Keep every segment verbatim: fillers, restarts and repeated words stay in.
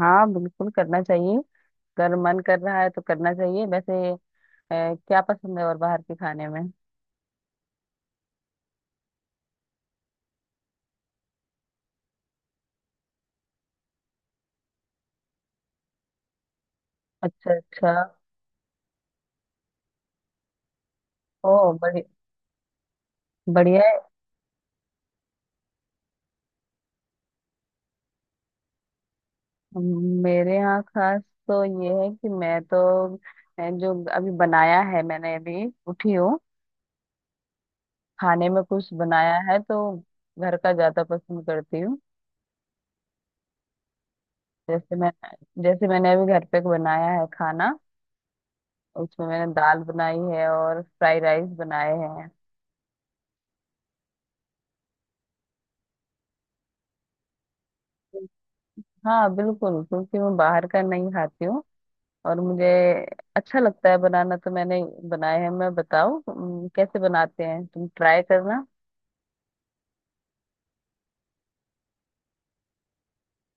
हाँ, बिल्कुल करना चाहिए। अगर मन कर रहा है तो करना चाहिए। वैसे अ, क्या पसंद है और बाहर के खाने में? अच्छा, अच्छा। ओ, बड़ी बढ़िया है। मेरे यहाँ खास तो ये है कि मैं तो अ, जो अभी बनाया है, मैंने अभी उठी हूँ। खाने में कुछ बनाया है तो। घर का ज्यादा पसंद करती हूँ। जैसे मैं जैसे मैंने अभी घर पे बनाया है खाना। उसमें मैंने दाल बनाई है और फ्राइड राइस बनाए हैं। हाँ बिल्कुल, क्योंकि मैं बाहर का नहीं खाती हूँ। और मुझे अच्छा लगता है बनाना, तो मैंने बनाए हैं। मैं बताओ, उम, कैसे बनाते हैं तुम, ट्राई करना।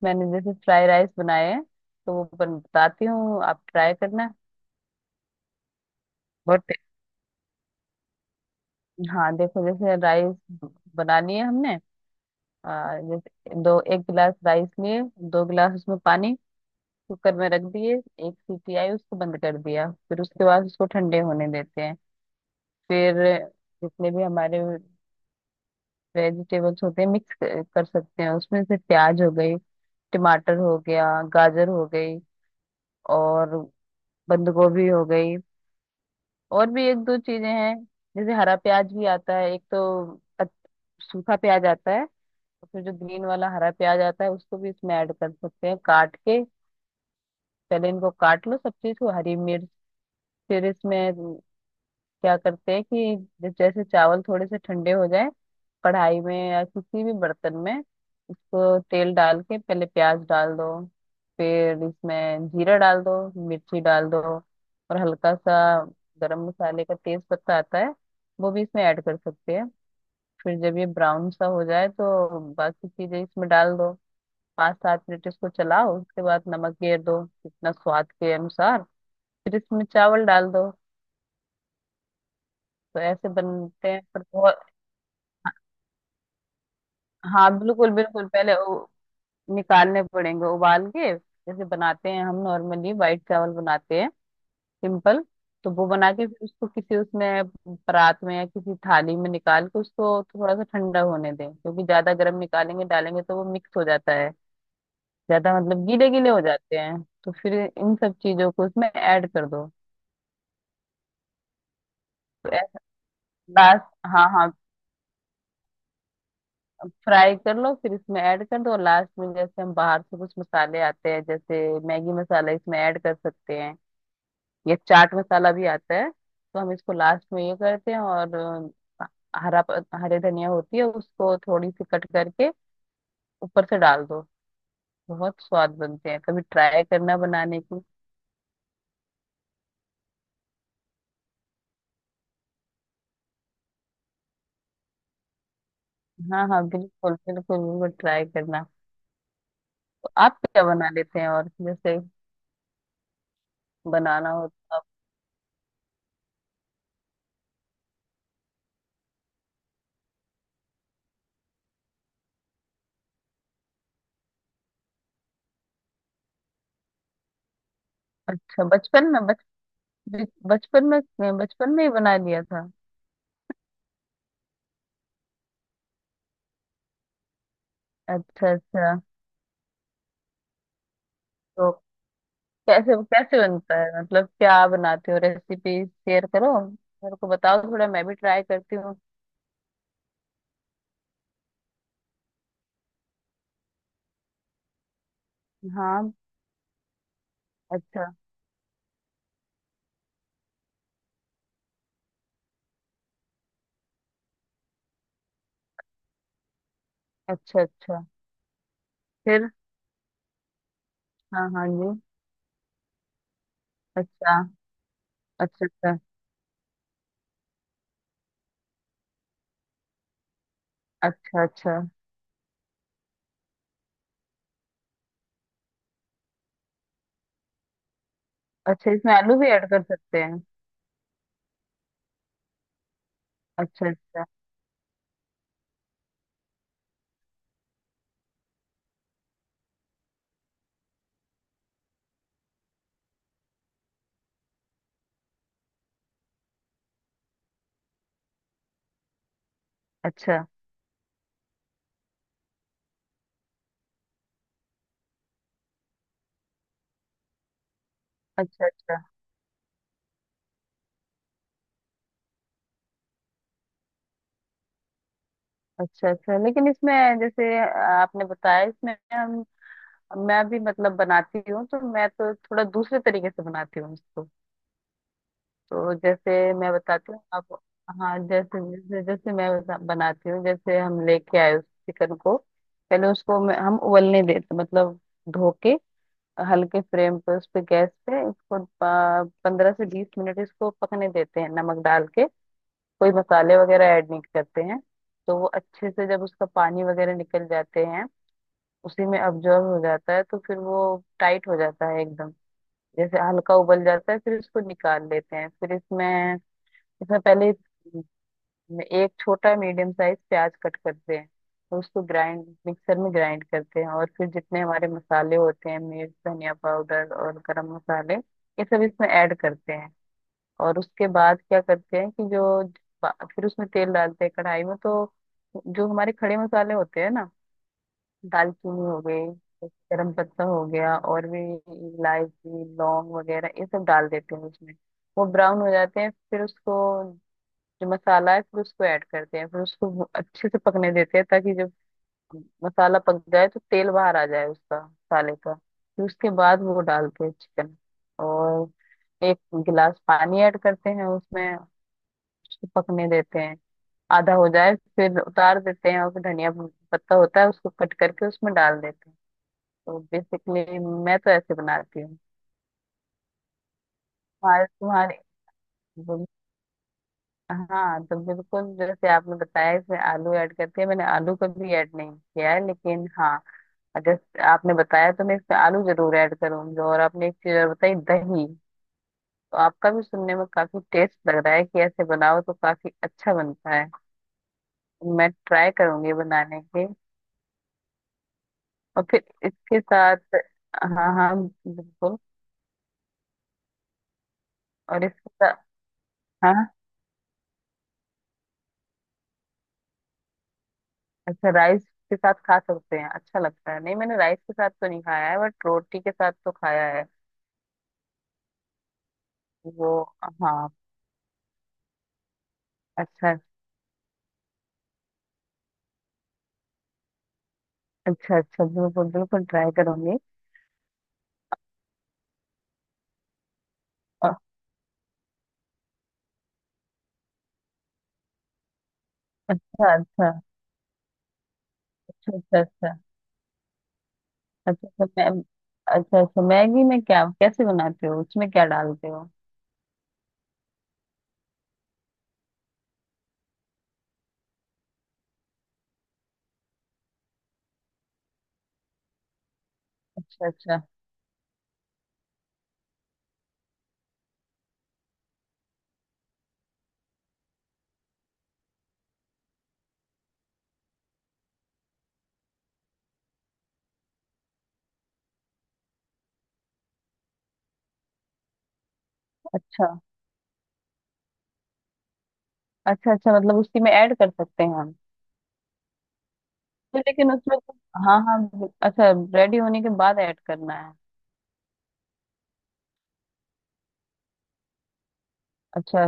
मैंने जैसे फ्राई राइस बनाए हैं तो वो बन- बताती हूँ, आप ट्राई करना। बहुत टे- हाँ, देखो। जैसे राइस बनानी है हमने। आ, जैसे दो एक गिलास राइस लिए, दो गिलास उसमें पानी, कुकर में रख दिए। एक सीटी आई, उसको बंद कर दिया। फिर उसके बाद उसको ठंडे होने देते हैं। फिर जितने भी हमारे वेजिटेबल्स होते हैं मिक्स कर सकते हैं उसमें, से प्याज हो गई, टमाटर हो गया, गाजर हो गई, और बंद गोभी हो गई। और भी एक दो चीजें हैं, जैसे हरा प्याज भी आता है। एक तो अ- सूखा प्याज आता है, और फिर जो ग्रीन वाला हरा प्याज आता है, उसको भी इसमें ऐड कर सकते हैं काट के। पहले इनको काट लो सब चीज को, हरी मिर्च। फिर इसमें क्या करते हैं कि जब जैसे चावल थोड़े से ठंडे हो जाए, कढ़ाई में या किसी भी बर्तन में उसको तेल डाल के पहले प्याज डाल दो। फिर इसमें जीरा डाल दो, मिर्ची डाल दो। और हल्का सा गरम मसाले का तेज पत्ता आता है, वो भी इसमें ऐड कर सकते हैं। फिर जब ये ब्राउन सा हो जाए तो बाकी चीजें इसमें डाल दो। पाँच सात मिनट इसको चलाओ, उसके बाद नमक घेर दो जितना स्वाद के अनुसार। फिर इसमें चावल डाल दो। तो ऐसे बनते हैं, पर बहुत। हाँ बिल्कुल बिल्कुल, पहले उ- निकालने पड़ेंगे उबाल के, जैसे बनाते हैं हम नॉर्मली वाइट चावल बनाते हैं सिंपल। तो वो बना के फिर उसको किसी, उसमें परात में या किसी थाली में निकाल के उसको थोड़ा सा ठंडा होने दें, क्योंकि ज्यादा गर्म निकालेंगे, डालेंगे तो वो मिक्स हो जाता है। ज्यादा मतलब गीले गीले हो जाते हैं। तो फिर इन सब चीजों को इसमें ऐड कर दो। तो ऐसा। लास्ट, हाँ हाँ। फ्राई कर लो, फिर इसमें ऐड कर दो लास्ट में। जैसे हम बाहर से कुछ मसाले आते हैं, जैसे मैगी मसाला इसमें ऐड कर सकते हैं। ये चाट मसाला भी आता है, तो हम इसको लास्ट में ये करते हैं। और अ, हरा प- हरे धनिया होती है, उसको थोड़ी सी कट करके ऊपर से डाल दो। बहुत स्वाद बनते हैं, कभी ट्राई करना बनाने की। हाँ हाँ, बिल्कुल बिल्कुल बिल्कुल ट्राई करना। तो आप क्या बना लेते हैं, और जैसे बनाना हो तो आप। अच्छा, बचपन में? बच बचपन में, बचपन में ही बना लिया था? अच्छा अच्छा। तो कैसे कैसे बनता है, मतलब क्या बनाते हो? रेसिपी शेयर करो, मेरे को बताओ थोड़ा, मैं भी ट्राई करती हूँ। हाँ। अच्छा अच्छा अच्छा। फिर। हाँ हाँ जी। अच्छा अच्छा अच्छा अच्छा अच्छा अच्छा। इसमें आलू भी ऐड कर सकते हैं? अच्छा अच्छा अच्छा अच्छा अच्छा अच्छा अच्छा। लेकिन इसमें, जैसे आपने बताया इसमें, हम, मैं भी मतलब बनाती हूँ तो, मैं तो थोड़ा दूसरे तरीके से बनाती हूँ इसको। तो जैसे मैं बताती हूँ आप। हाँ, जैसे जैसे जैसे मैं बता, बनाती हूँ, जैसे हम लेके आए उस चिकन को। पहले उसको मैं, हम उबलने देते, मतलब धो के, हल्के फ्लेम पे उस पे, गैस पे इसको पंद्रह से बीस मिनट इसको पकने देते हैं नमक डाल के। कोई मसाले वगैरह ऐड नहीं करते हैं। तो वो अच्छे से जब उसका पानी वगैरह निकल जाते हैं, उसी में अब्जॉर्ब हो जाता है, तो फिर वो टाइट हो जाता है एकदम, जैसे हल्का उबल जाता है। फिर इसको निकाल लेते हैं। फिर इसमें इसमें पहले एक छोटा मीडियम साइज प्याज कट करते हैं। तो उसको ग्राइंड, मिक्सर में ग्राइंड करते हैं, और फिर जितने हमारे मसाले होते हैं, मिर्च धनिया पाउडर और गरम मसाले, ये सब इसमें ऐड करते हैं। और उसके बाद क्या करते हैं कि जो बा- फिर उसमें तेल डालते हैं कढ़ाई में, तो जो हमारे खड़े मसाले होते हैं ना, दालचीनी हो गई, गरम पत्ता हो गया, और भी इलायची लौंग वगैरह, ये सब डाल देते हैं उसमें। वो ब्राउन हो जाते हैं, फिर उसको, जो मसाला है फिर उसको ऐड करते हैं। फिर उसको भू- अच्छे से पकने देते हैं, ताकि जब मसाला पक जाए तो तेल बाहर आ जाए उसका, मसाले का। फिर उसके बाद वो डालते हैं चिकन, और एक गिलास पानी ऐड करते हैं उसमें। उसको पकने देते हैं, आधा हो जाए फिर उतार देते हैं। और फिर धनिया पत्ता होता है, उसको कट करके उसमें डाल देते हैं। तो बेसिकली मैं तो ऐसे बनाती हूँ। तुम्हारे तुम्हारे, हाँ। तो बिल्कुल जैसे आपने बताया इसमें आलू ऐड करते हैं, मैंने आलू कभी ऐड नहीं किया है, लेकिन हाँ, अगर आपने बताया तो मैं इसमें आलू जरूर ऐड करूंगी। और आपने एक चीज और बताई, दही। तो आपका भी सुनने में काफी टेस्ट लग रहा है, कि ऐसे बनाओ तो काफी अच्छा बनता है। मैं ट्राई करूंगी बनाने की। और फिर इसके साथ। हाँ हाँ, बिल्कुल। और इसके साथ, हाँ। अच्छा, राइस के साथ खा सकते हैं, अच्छा लगता है? नहीं, मैंने राइस के साथ तो नहीं खाया है, बट रोटी के साथ तो खाया है। वो, हाँ। अच्छा अच्छा अच्छा, बिल्कुल बिल्कुल ट्राई करूंगी। और अच्छा अच्छा अच्छा अच्छा अच्छा अच्छा अच्छा। मैं, अच्छा अच्छा, मैगी में क्या, कैसे बनाते हो, उसमें क्या डालते हो? अच्छा अच्छा अच्छा अच्छा अच्छा, मतलब उसी में ऐड कर सकते हैं हम? तो लेकिन उसमें तो, हाँ हाँ बिल- अच्छा, रेडी होने के बाद ऐड करना है? अच्छा,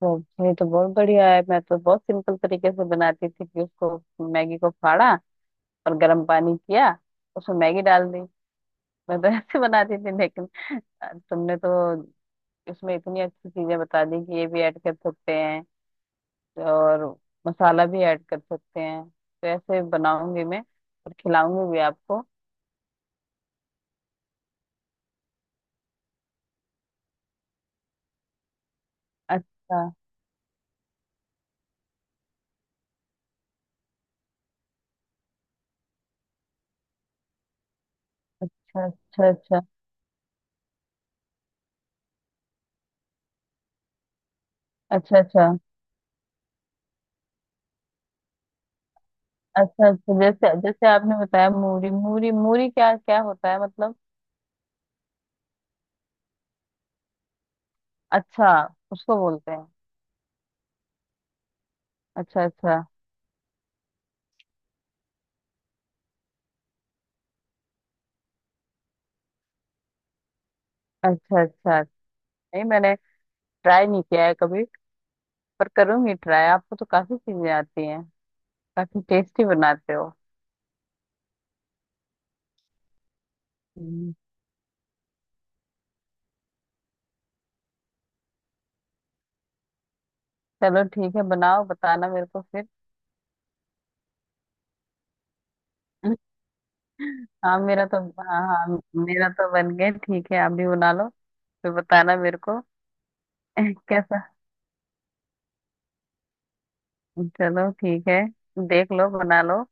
तो ये तो बहुत बढ़िया है। मैं तो बहुत सिंपल तरीके से बनाती थी, कि उसको मैगी को फाड़ा, और गर्म पानी किया, उसमें मैगी डाल दी। मैं तो ऐसे बनाती थी, लेकिन अ, तुमने तो उसमें इतनी अच्छी चीजें बता दी, कि ये भी ऐड कर सकते हैं और मसाला भी ऐड कर सकते हैं। तो ऐसे बनाऊंगी मैं, और खिलाऊंगी भी आपको। अच्छा अच्छा अच्छा अच्छा अच्छा अच्छा अच्छा अच्छा, जैसे जैसे आपने बताया, मूरी मूरी मूरी क्या क्या होता है मतलब? अच्छा, उसको बोलते हैं। अच्छा अच्छा अच्छा अच्छा। नहीं, मैंने ट्राई नहीं किया है कभी, पर करूंगी ट्राई। आपको तो काफी चीजें आती हैं, काफी टेस्टी बनाते हो। हम्म। चलो ठीक है, बनाओ बताना मेरे को फिर। हाँ, मेरा तो, हाँ हाँ, मेरा तो बन गया। ठीक है, आप भी बना लो, फिर बताना मेरे को। कैसा, चलो ठीक है, देख लो बना लो।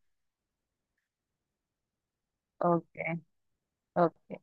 ओके। ओके।